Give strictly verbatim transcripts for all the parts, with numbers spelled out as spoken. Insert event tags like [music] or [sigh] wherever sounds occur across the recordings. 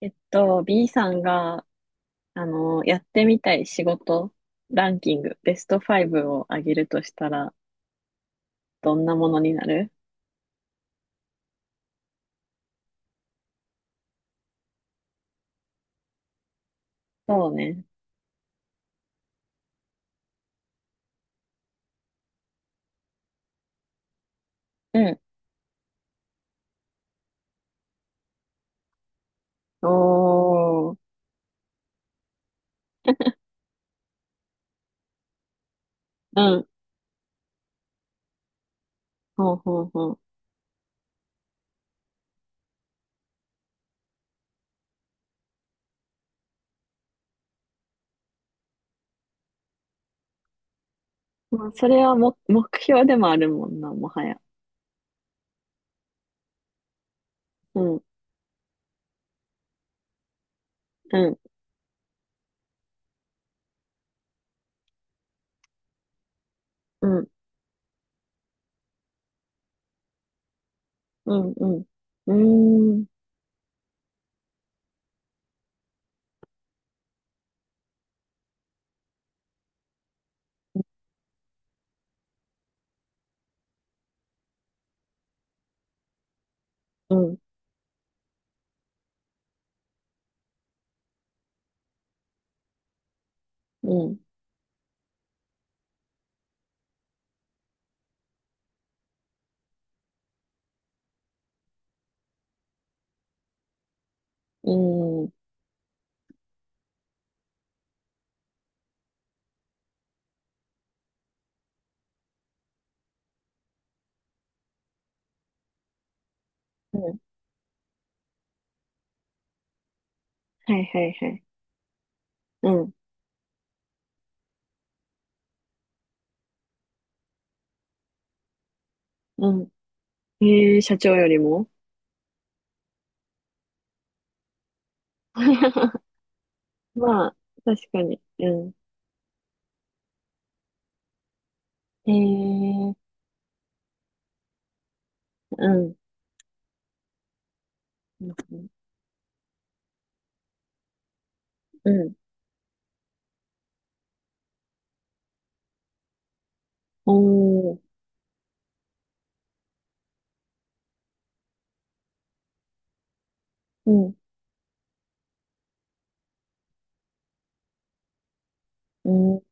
えっと、B さんが、あの、やってみたい仕事ランキング、ベストごを上げるとしたら、どんなものになる？そうね。うん。おー。うん。ほうほうほう。まあ、それはも、目標でもあるもんな、もはや。うん、うん、うん、うん、うん。うーん、うん、うん、うん、うん。はいはいはい。うん、うん。えー、社長よりも？ [laughs] まあ、確かに。うん。えーうん。うん。おー。うん。うん。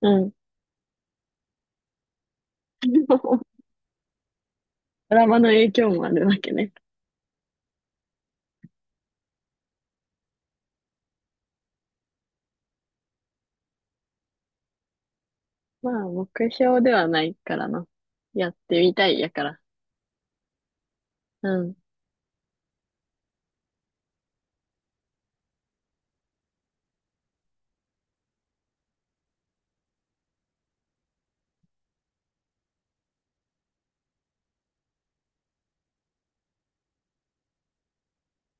うん。[laughs] ドラマの影響もあるわけね。まあ、目標ではないからな。やってみたいやから。うん。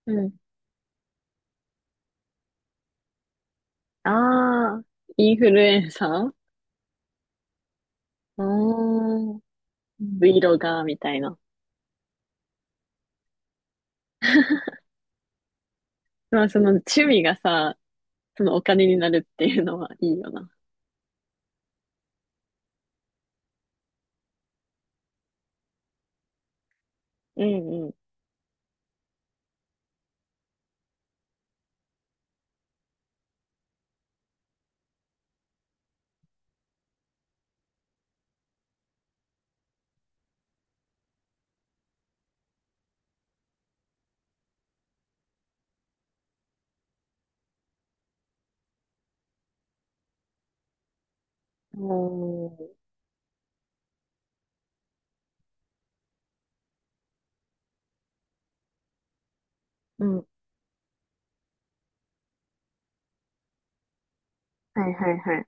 うん。ああ、インフルエンサー。うーん。Vlogger みたいな。まあ、その趣味がさ、そのお金になるっていうのはいいよな。うんうん。おー。うん。はいはいはい。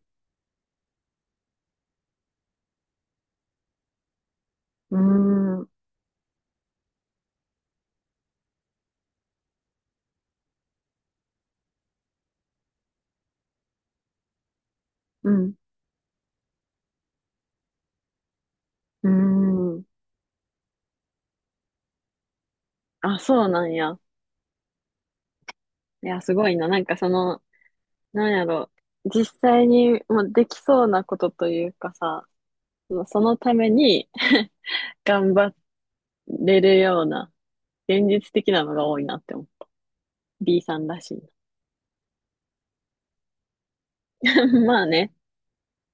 うーん。うん。うーん。あ、そうなんや。いや、すごいな。なんかその、なんやろ、実際にもうできそうなことというかさ、そのそのために [laughs] 頑張れるような、現実的なのが多いなって思う。B さんらしい。[laughs] まあね。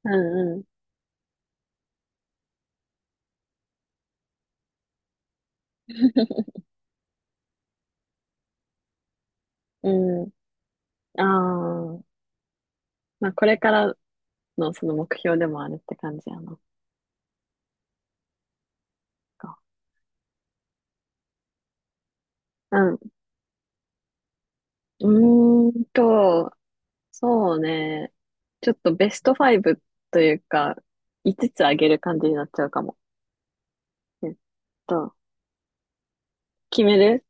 うんうん。うん。ああ。まあこれからのその目標でもあるって感じやな。うん。うーんと、そうね。ちょっとベストごというか、5つつあげる感じになっちゃうかも。えっと決める。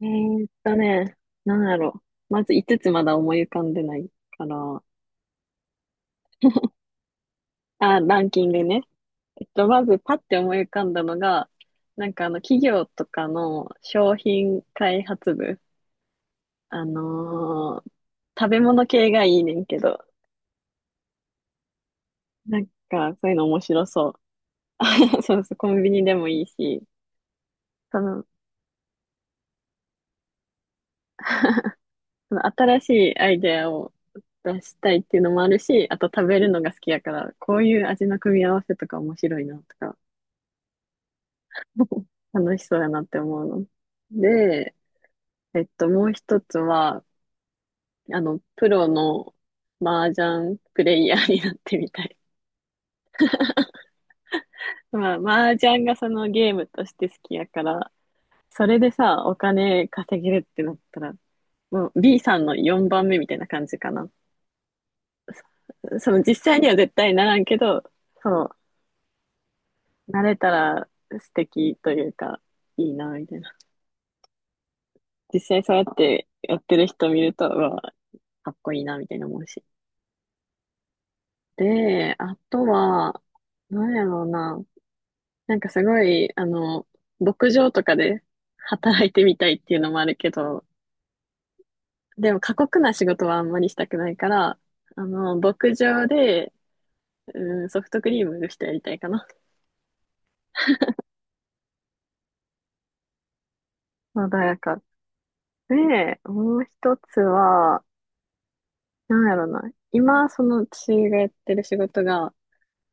えーっとね、なんだろう。まず5つつまだ思い浮かんでないから。あ、ランキングね。えっと、まずパッて思い浮かんだのが、なんかあの、企業とかの商品開発部。あのー食べ物系がいいねんけど、なんかそういうの面白そう。[laughs] そうそう、コンビニでもいいし、その、その新しいアイデアを出したいっていうのもあるし、あと食べるのが好きやから、こういう味の組み合わせとか面白いなとか [laughs] 楽しそうやなって思うの。で、えっと、もう一つは、あの、プロの麻雀プレイヤーになってみたい。[laughs] まあ、麻雀がそのゲームとして好きやから、それでさ、お金稼げるってなったら、もう B さんのよんばんめみたいな感じかな。そ、その実際には絶対ならんけど、そう、なれたら素敵というか、いいな、みたいな。実際そうやってやってる人見ると、うわ、かっこいいな、みたいな思うし。で、あとは、なんやろうな。なんかすごい、あの、牧場とかで働いてみたいっていうのもあるけど、でも過酷な仕事はあんまりしたくないから、あの、牧場で、うん、ソフトクリームの人やりたいかな。穏やか。で、もう一つは、なんやろうな。今、その私がやってる仕事が、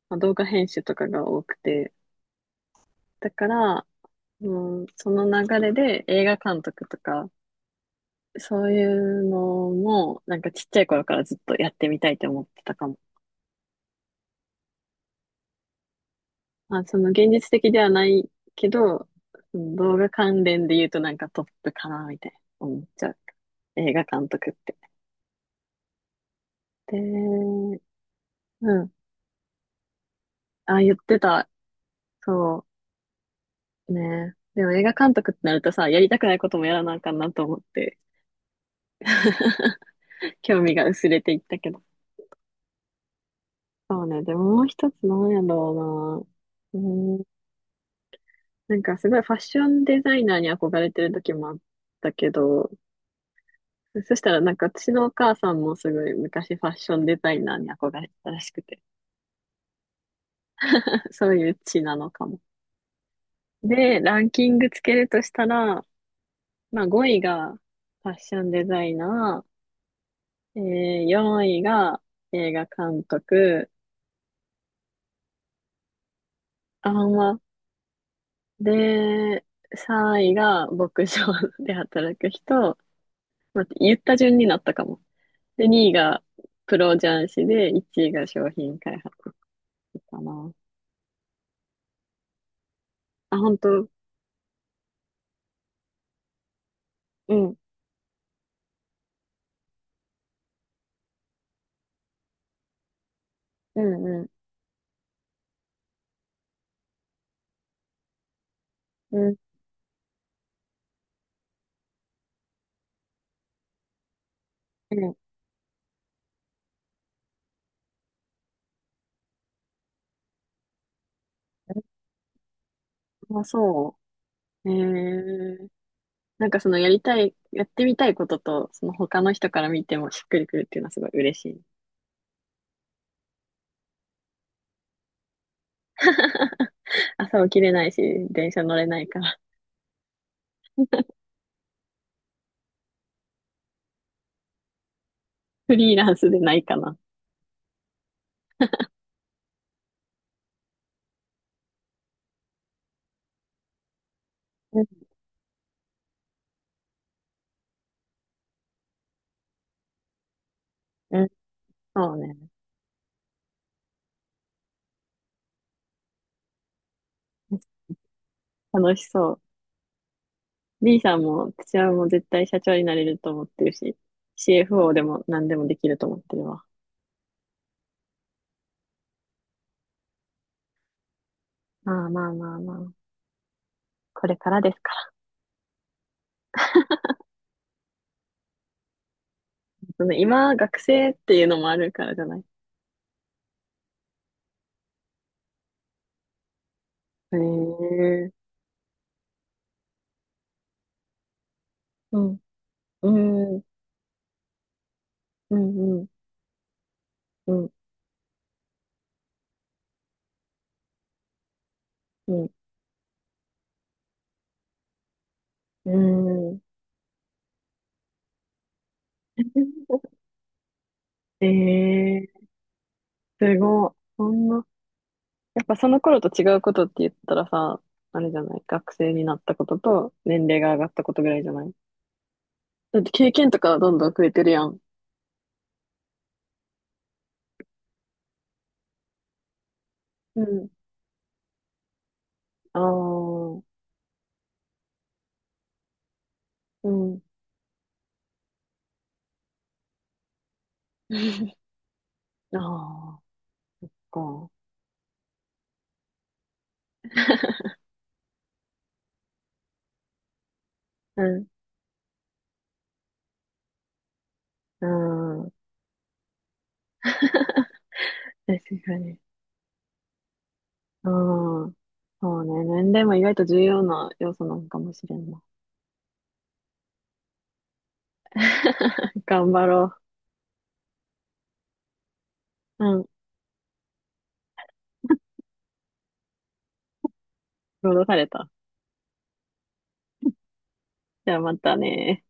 まあ動画編集とかが多くて、だから、うん、その流れで映画監督とか、そういうのも、なんかちっちゃい頃からずっとやってみたいと思ってたかも。まあ、その現実的ではないけど、その動画関連で言うとなんかトップかな、みたいな思っちゃう。映画監督って。で、うん。あ、言ってた。そうね。でも映画監督ってなるとさ、やりたくないこともやらなあかんなと思って、[laughs] 興味が薄れていったけど。そうね。でももう一つなんやろうな。うなんかすごいファッションデザイナーに憧れてる時もあったけど、そしたらなんか私のお母さんもすごい昔ファッションデザイナーに憧れてたらしくて、[laughs] そういう地なのかも。で、ランキングつけるとしたら、まあごいがファッションデザイナー、えー、よんいが映画監督、あんま、で、さんいが牧場で働く人、待って、言った順になったかも。で、にいがプロ雀士で、いちいが商品開発かな。あ、本当？うん、うん、うん、うん、うん。あ、そう。えー、なんかそのやりたい、やってみたいことと、その他の人から見てもしっくりくるっていうのはすごい嬉しい。[laughs] 朝起きれないし、電車乗れないから、[laughs] フリーランスでないかな。うん、うん、そうね。楽しそう。B さんも、私はもう絶対社長になれると思ってるし、シーエフオー でも何でもできると思ってるわ。まあまあまあまあ。これからですから。その今、学生っていうのもあるからじゃない？へえ。うん。うん。うん。うん。うん。うん。ええー、すごい。そんな。やっぱその頃と違うことって言ったらさ、あれじゃない？学生になったことと年齢が上がったことぐらいじゃない？だって経験とかどんどん増えてるやん。うん。ああ、うん。[laughs] ああ、か。うん。うん。[laughs] 確かに。うん。そうね。年齢も意外と重要な要素なのかもしれんな。[laughs] 頑張ろう。うん。労働された。じゃあまたね。